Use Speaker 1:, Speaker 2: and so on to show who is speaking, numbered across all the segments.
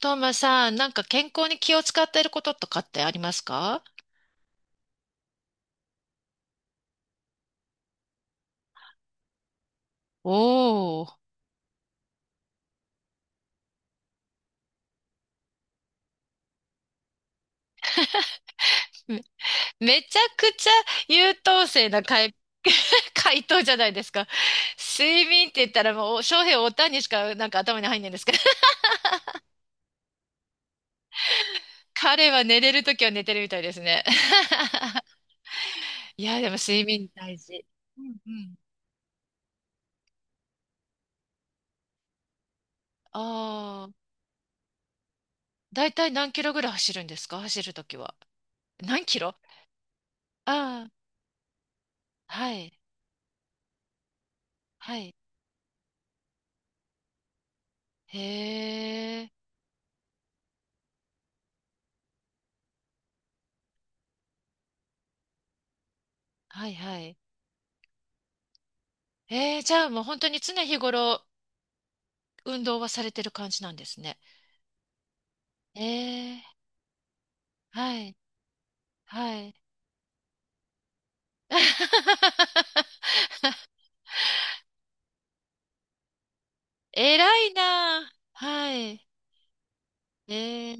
Speaker 1: トーマさん、なんか健康に気を使っていることとかってありますか？おー、め、めちゃくちゃ優等生な回答じゃないですか。睡眠って言ったらもう、翔平おたんにしかなんか頭に入んないんですけど、彼は寝れるときは寝てるみたいですね。いや、でも睡眠大事。うんうん。ああ、だいたい何キロぐらい走るんですか、走るときは。何キロ。ああー、はい、はい。へえ、はいはい。えー、じゃあもう本当に常日頃運動はされてる感じなんですね。えー、はい、はい。偉いなあ。はい。えー、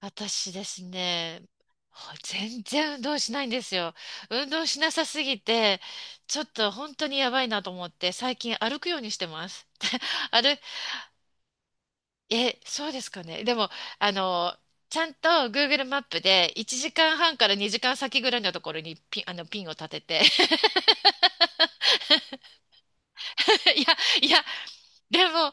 Speaker 1: 私ですね、ほ全然運動しないんですよ。運動しなさすぎて、ちょっと本当にやばいなと思って、最近歩くようにしてます。歩え、そうですかね。でも、あの、ちゃんと Google マップで1時間半から2時間先ぐらいのところにピンを立てて。いや、いや、でも、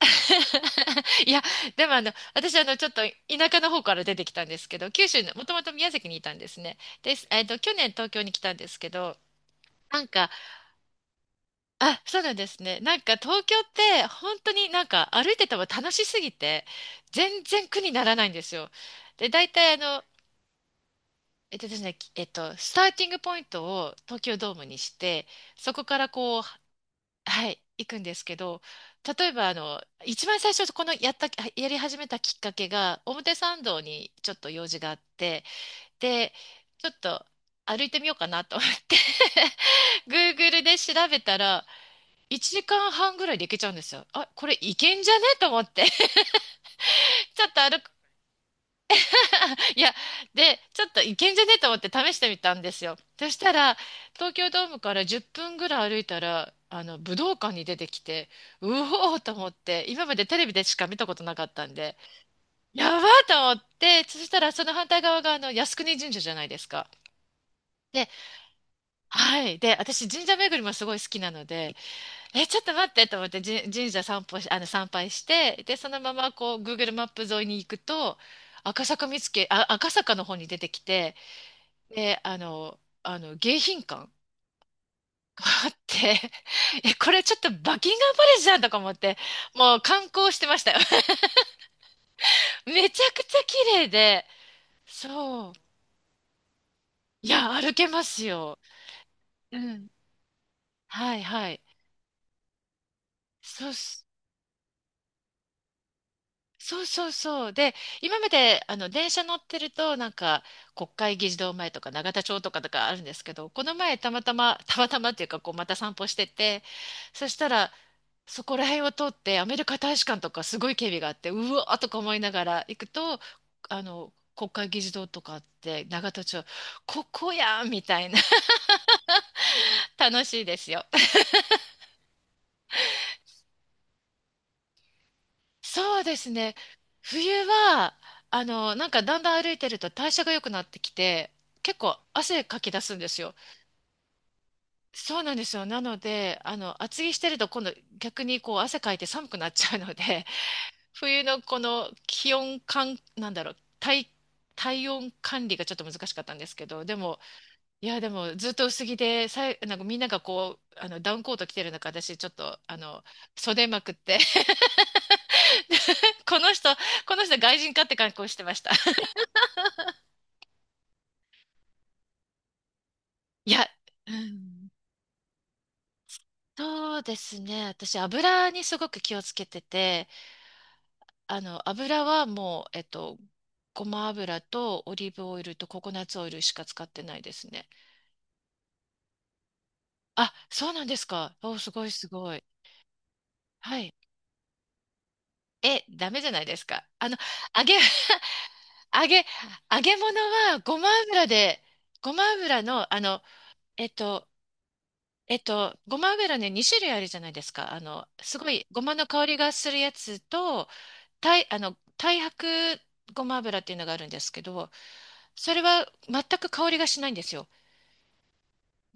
Speaker 1: いや、でも私ちょっと田舎の方から出てきたんですけど、九州の、もともと宮崎にいたんですね。です、去年東京に来たんですけど、なんか、あ、そうなんですね。なんか東京って本当になんか歩いてても楽しすぎて、全然苦にならないんですよ。で、大体あの、えっとですね、きえっと、スターティングポイントを東京ドームにして、そこからこう、はい、行くんですけど、例えば、一番最初、このやった、やり始めたきっかけが、表参道にちょっと用事があって、で、ちょっと歩いてみようかなと思って Google で調べたら、1時間半ぐらいで行けちゃうんですよ。あ、これ行けんじゃねと思って、ちょっと歩く、 いや、で、ちょっといけんじゃねえと思って試してみたんですよ。そしたら、東京ドームから10分ぐらい歩いたら、武道館に出てきて、うおーと思って、今までテレビでしか見たことなかったんで、やばーと思って、そしたらその反対側が靖国神社じゃないですか。で、はい。で、私、神社巡りもすごい好きなので、え、ちょっと待ってと思って、じ神社散歩し、参拝して、で、そのままこう、Google マップ沿いに行くと、赤坂見附、あ、赤坂の方に出てきて、で、迎賓館があって、え、これちょっとバッキンガムパレスじゃんとか思って、もう観光してましたよ。めちゃくちゃ綺麗で、そう。いや、歩けますよ。うん。はいはい。そうす、そうそうそう。で、今まであの電車乗ってると、なんか国会議事堂前とか永田町とかあるんですけど、この前たまたま、たまたまっていうか、こうまた散歩してて、そしたら、そこら辺を通ってアメリカ大使館とかすごい警備があってうわーとか思いながら行くと、あの国会議事堂とかあって永田町ここやんみたいな。 楽しいですよ。そうですね、冬はなんかだんだん歩いてると代謝が良くなってきて、結構汗かき出すんですよ。そうなんですよ。なので、厚着してると今度逆にこう汗かいて寒くなっちゃうので、冬のこの気温管なんだろう、体、体温管理がちょっと難しかったんですけど、でも、いや、でもずっと薄着で、さい、なんかみんながこう、ダウンコート着てる中、私ちょっと、袖まくって、で、この人、この人外人かって格好してました。いや、うん、そうですね。私、油にすごく気をつけてて、油はもう、ごま油とオリーブオイルとココナッツオイルしか使ってないですね。あ、そうなんですか。お、すごいすごい。はい。え、ダメじゃないですか。揚げ、揚げ、揚げ物はごま油で、ごま油の、えっと、ごま油ね、2種類あるじゃないですか。すごい、ごまの香りがするやつと、たい、太白ごま油っていうのがあるんですけど、それは全く香りがしないんですよ。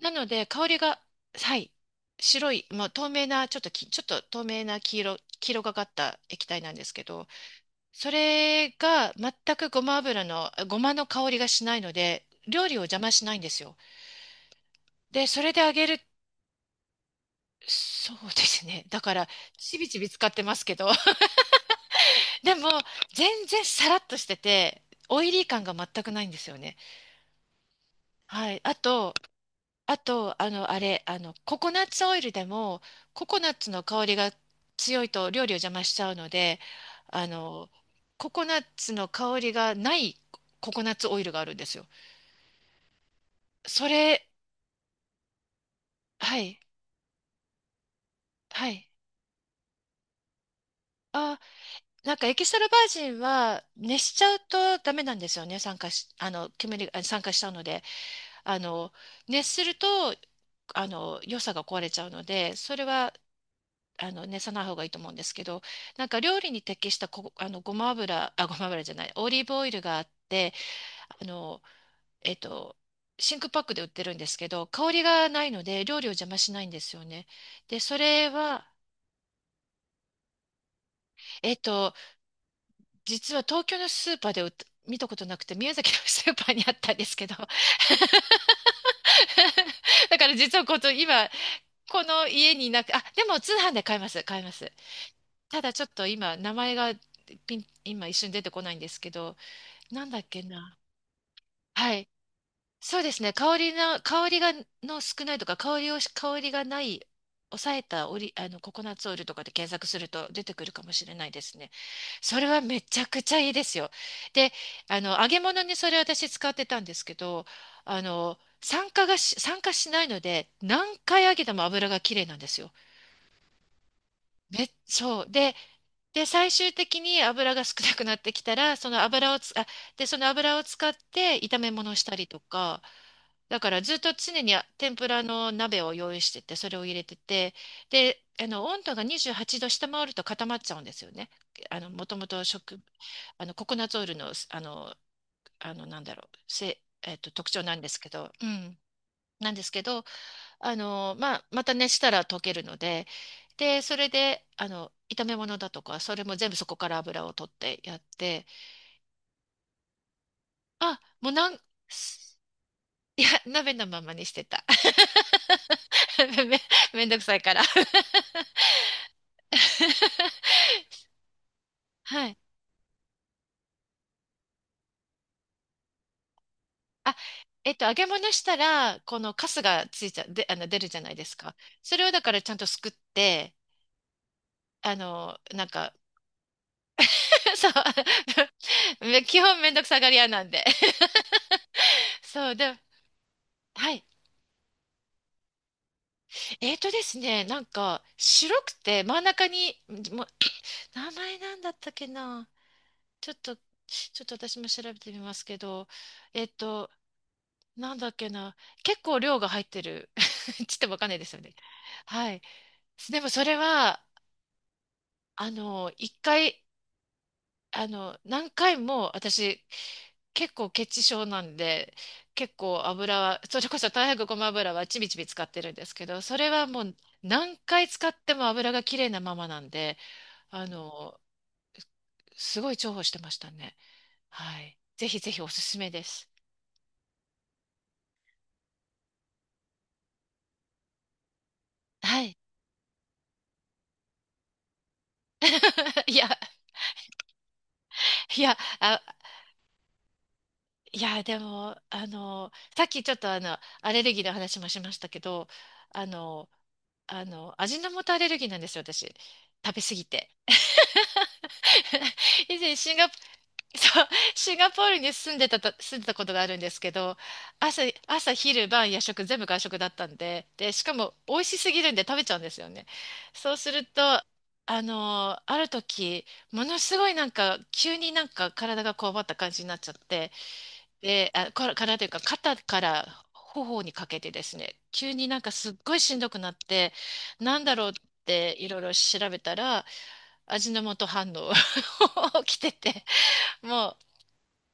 Speaker 1: なので、香りが、はい、白い、もう透明な、ちょっとき、ちょっと透明な黄色、黄色がかった液体なんですけど、それが全くごま油の、ごまの香りがしないので、料理を邪魔しないんですよ。で、それで揚げる、そうですね。だから、ちびちび使ってますけど、でも、全然さらっとしてて、オイリー感が全くないんですよね。はい。あと、あと、あの、あれ、あの、ココナッツオイルでも、ココナッツの香りが強いと料理を邪魔しちゃうので、あの、ココナッツの香りがないココナッツオイルがあるんですよ。それ、はい、はい。あ、なんかエキストラバージンは熱しちゃうとダメなんですよね。酸化し、煙が、あ酸化しちゃうので、あの、熱すると、良さが壊れちゃうので、それはあの熱さない方がいいと思うんですけど、なんか料理に適したこあのごま油あごま油じゃないオリーブオイルがあって、あのえっと真空パックで売ってるんですけど、香りがないので料理を邪魔しないんですよね。で、それはえっと実は東京のスーパーで売っ見たことなくて、宮崎のスーパーにあったんですけど、 だから実はこと今この家にいなくあでも通販で買います買います。ただちょっと今名前がピン今一瞬出てこないんですけど、なんだっけな。はい。そうですね。香りの、香りが、の少ないとか、香りをし、香りがない、抑えたオリ、ココナッツオイルとかで検索すると出てくるかもしれないですね。それはめちゃくちゃいいですよ。で、揚げ物にそれ私使ってたんですけど、酸化がし、酸化しないので、何回揚げても油がきれいなんですよ。め、そう。で、最終的に油が少なくなってきたら、その油をつ、あ、で、その油を使って炒め物をしたりとか、だからずっと常にあ天ぷらの鍋を用意してて、それを入れてて、で、温度が28度下回ると固まっちゃうんですよね。もともと食、ココナッツオイルの、なんだろう、せ、特徴なんですけど、うん、なんですけど、まあ、また熱したら溶けるので、で、それで、炒め物だとか、それも全部そこから油を取ってやって、あ、もうなん、すいや、鍋のままにしてた。め、めんどくさいから。はい。あ、揚げ物したら、このカスがついちゃ、で、出るじゃないですか。それをだからちゃんとすくって、なんか、そう、め基本めんどくさがり屋なんで。そう、でも、はい。えーとですね、なんか白くて真ん中に、もう名前なんだったっけな。ちょっと私も調べてみますけど、えっと、なんだっけな。結構量が入ってる。ちょっとわかんないですよね。はい。でもそれは、あの、一回、あの、何回も私結構血チ症なんで、結構油は、それこそ大白ごま油はちびちび使ってるんですけど、それはもう何回使っても油がきれいなままなんで、あの、すごい重宝してましたね。はい。ぜひぜひおすすめです。はい。いや、いや、あ、いや、でも、さっきちょっとアレルギーの話もしましたけど、あの、味の素アレルギーなんですよ、私。食べ過ぎて。以前シンガそう、シンガポールに住んでたと、住んでたことがあるんですけど、朝、朝、昼、晩、夜食、全部外食だったんで、で、しかも美味しすぎるんで食べちゃうんですよね。そうすると、あのー、ある時、ものすごいなんか、急になんか体がこわばった感じになっちゃって、で、あ、こ体というか、肩から頬にかけてですね、急になんかすっごいしんどくなって、なんだろうっていろいろ調べたら、味の素反応 起きてて、もう、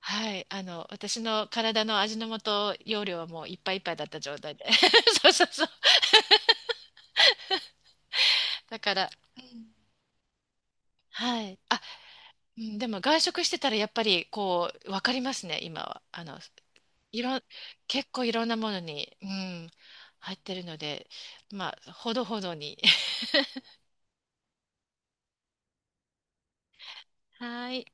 Speaker 1: はい、私の体の味の素容量はもういっぱいいっぱいだった状態で。そうそうそう。だから、うん、はい。あ、うん、でも外食してたらやっぱりこう、わかりますね、今は。あの、いろん、結構いろんなものに、うん、入ってるので、まあ、ほどほどに。はい。